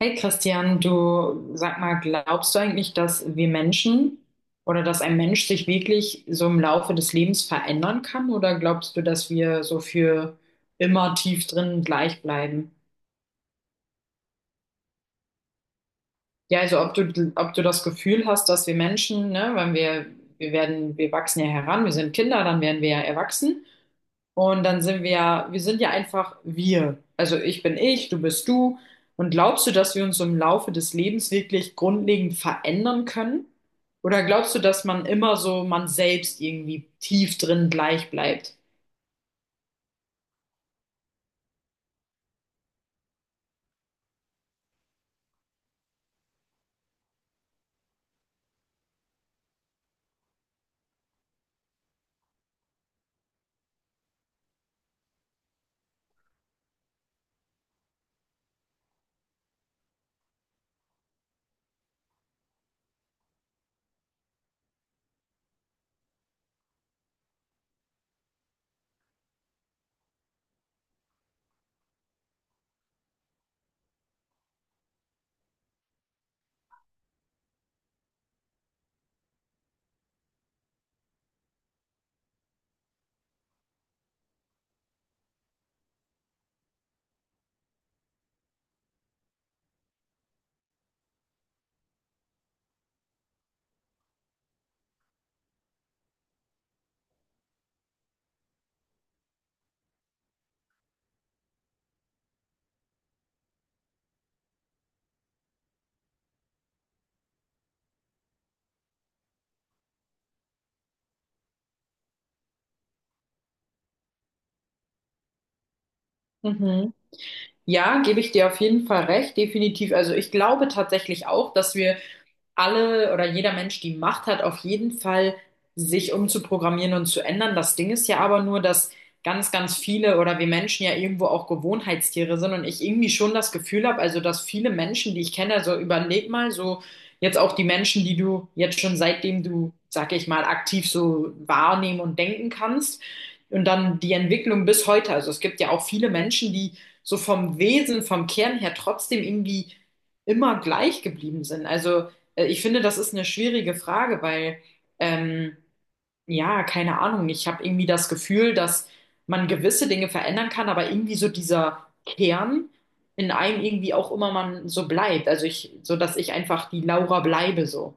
Hey Christian, du sag mal, glaubst du eigentlich, dass wir Menschen oder dass ein Mensch sich wirklich so im Laufe des Lebens verändern kann? Oder glaubst du, dass wir so für immer tief drin gleich bleiben? Ja, also ob du das Gefühl hast, dass wir Menschen, ne, wenn wir, wir werden, wir wachsen ja heran, wir sind Kinder, dann werden wir ja erwachsen. Und dann sind wir ja, wir sind ja einfach wir. Also ich bin ich, du bist du. Und glaubst du, dass wir uns im Laufe des Lebens wirklich grundlegend verändern können? Oder glaubst du, dass man immer so man selbst irgendwie tief drin gleich bleibt? Mhm. Ja, gebe ich dir auf jeden Fall recht, definitiv. Also ich glaube tatsächlich auch, dass wir alle oder jeder Mensch die Macht hat, auf jeden Fall sich umzuprogrammieren und zu ändern. Das Ding ist ja aber nur, dass ganz, ganz viele oder wir Menschen ja irgendwo auch Gewohnheitstiere sind und ich irgendwie schon das Gefühl habe, also dass viele Menschen, die ich kenne, also überleg mal so jetzt auch die Menschen, die du jetzt schon seitdem du, sag ich mal, aktiv so wahrnehmen und denken kannst und dann die Entwicklung bis heute. Also es gibt ja auch viele Menschen, die so vom Wesen, vom Kern her trotzdem irgendwie immer gleich geblieben sind. Also ich finde, das ist eine schwierige Frage, ähm, ja, keine Ahnung, ich habe irgendwie das Gefühl, dass man gewisse Dinge verändern kann, aber irgendwie so dieser Kern in einem irgendwie auch immer man so bleibt. Also ich, so dass ich einfach die Laura bleibe so.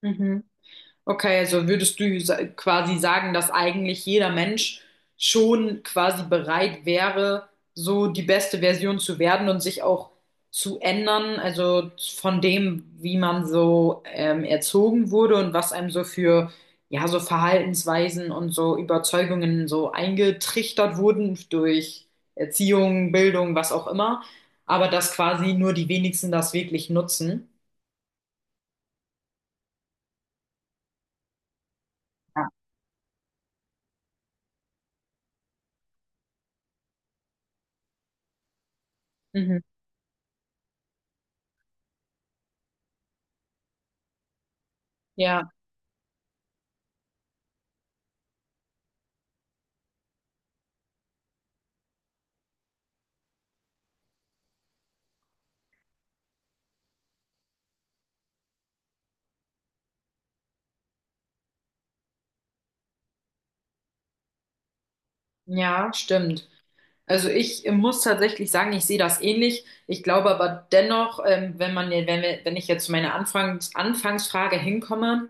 Mhm. Okay, also würdest du quasi sagen, dass eigentlich jeder Mensch schon quasi bereit wäre, so die beste Version zu werden und sich auch zu ändern, also von dem, wie man so erzogen wurde und was einem so für, ja, so Verhaltensweisen und so Überzeugungen so eingetrichtert wurden durch Erziehung, Bildung, was auch immer, aber dass quasi nur die wenigsten das wirklich nutzen. Ja. Mhm. Ja, ja, stimmt. Also ich muss tatsächlich sagen, ich sehe das ähnlich. Ich glaube aber dennoch, wenn man, wenn wir, wenn ich jetzt zu meiner Anfangsfrage hinkomme,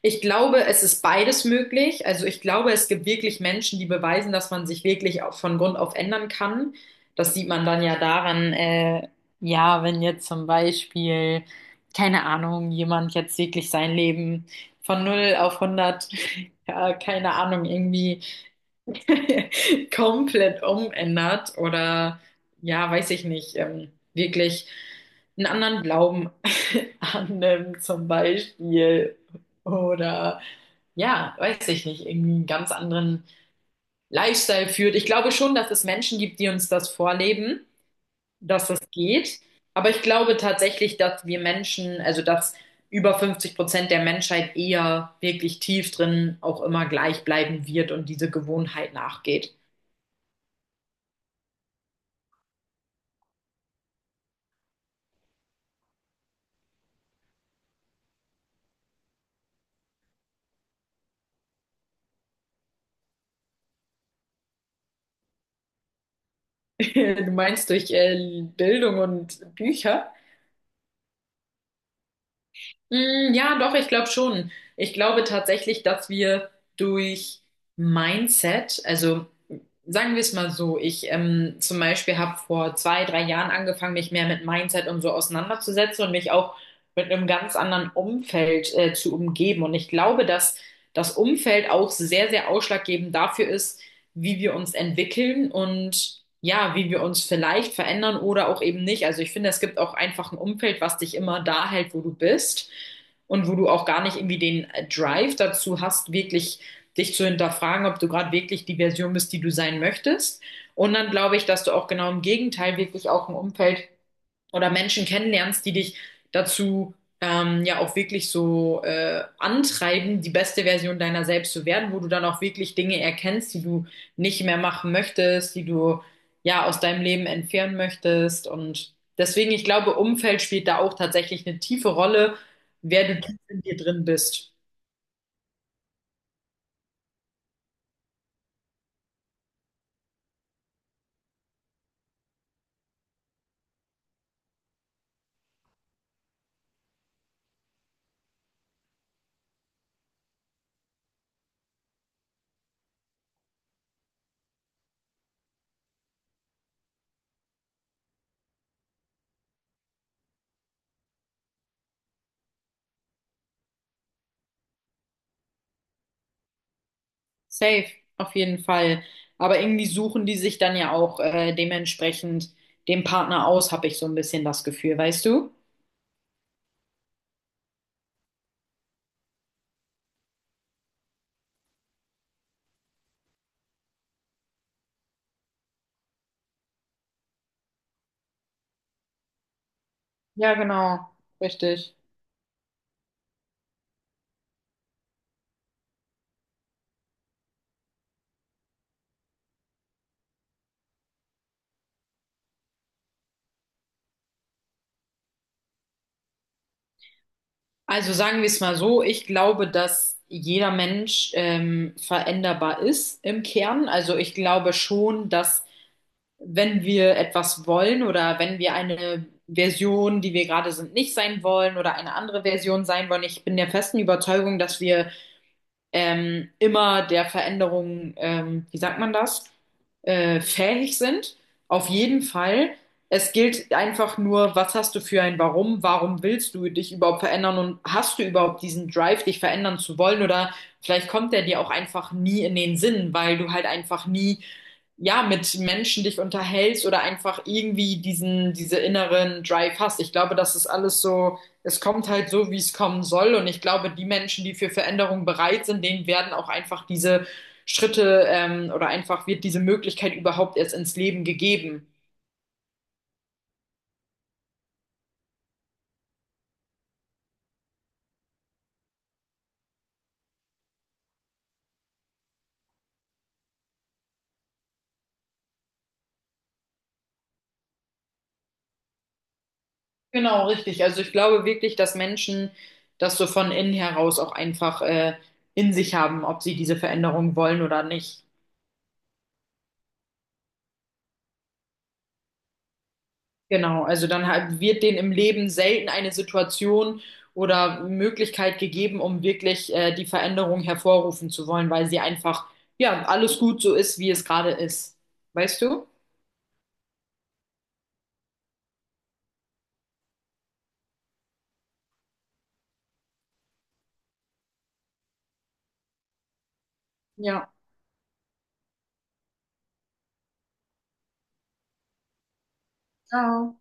ich glaube, es ist beides möglich. Also ich glaube, es gibt wirklich Menschen, die beweisen, dass man sich wirklich auch von Grund auf ändern kann. Das sieht man dann ja daran, ja, wenn jetzt zum Beispiel, keine Ahnung, jemand jetzt wirklich sein Leben von null auf hundert, ja, keine Ahnung, irgendwie komplett umändert oder ja, weiß ich nicht, wirklich einen anderen Glauben annimmt zum Beispiel oder ja, weiß ich nicht, irgendwie einen ganz anderen Lifestyle führt. Ich glaube schon, dass es Menschen gibt, die uns das vorleben, dass das geht. Aber ich glaube tatsächlich, dass wir Menschen, also dass über 50% der Menschheit eher wirklich tief drin auch immer gleich bleiben wird und diese Gewohnheit nachgeht. Du meinst durch Bildung und Bücher? Mm, ja, doch, ich glaube schon. Ich glaube tatsächlich, dass wir durch Mindset, also sagen wir es mal so, ich zum Beispiel habe vor zwei, drei Jahren angefangen, mich mehr mit Mindset und so auseinanderzusetzen und mich auch mit einem ganz anderen Umfeld zu umgeben. Und ich glaube, dass das Umfeld auch sehr, sehr ausschlaggebend dafür ist, wie wir uns entwickeln und ja, wie wir uns vielleicht verändern oder auch eben nicht. Also ich finde, es gibt auch einfach ein Umfeld, was dich immer da hält, wo du bist und wo du auch gar nicht irgendwie den Drive dazu hast, wirklich dich zu hinterfragen, ob du gerade wirklich die Version bist, die du sein möchtest. Und dann glaube ich, dass du auch genau im Gegenteil wirklich auch ein Umfeld oder Menschen kennenlernst, die dich dazu ja auch wirklich so antreiben, die beste Version deiner selbst zu werden, wo du dann auch wirklich Dinge erkennst, die du nicht mehr machen möchtest, die du ja aus deinem Leben entfernen möchtest. Und deswegen, ich glaube, Umfeld spielt da auch tatsächlich eine tiefe Rolle, wer du tief in dir drin bist. Safe, auf jeden Fall. Aber irgendwie suchen die sich dann ja auch dementsprechend den Partner aus, habe ich so ein bisschen das Gefühl, weißt du? Ja, genau, richtig. Also sagen wir es mal so, ich glaube, dass jeder Mensch veränderbar ist im Kern. Also ich glaube schon, dass wenn wir etwas wollen oder wenn wir eine Version, die wir gerade sind, nicht sein wollen oder eine andere Version sein wollen, ich bin der festen Überzeugung, dass wir immer der Veränderung, wie sagt man das, fähig sind. Auf jeden Fall. Es gilt einfach nur, was hast du für ein Warum? Warum willst du dich überhaupt verändern und hast du überhaupt diesen Drive, dich verändern zu wollen? Oder vielleicht kommt der dir auch einfach nie in den Sinn, weil du halt einfach nie ja, mit Menschen dich unterhältst oder einfach irgendwie diese inneren Drive hast. Ich glaube, das ist alles so, es kommt halt so, wie es kommen soll. Und ich glaube, die Menschen, die für Veränderung bereit sind, denen werden auch einfach diese Schritte, oder einfach wird diese Möglichkeit überhaupt erst ins Leben gegeben. Genau, richtig. Also ich glaube wirklich, dass Menschen das so von innen heraus auch einfach in sich haben, ob sie diese Veränderung wollen oder nicht. Genau, also dann wird denen im Leben selten eine Situation oder Möglichkeit gegeben, um wirklich die Veränderung hervorrufen zu wollen, weil sie einfach, ja, alles gut so ist, wie es gerade ist. Weißt du? Ja. Ciao.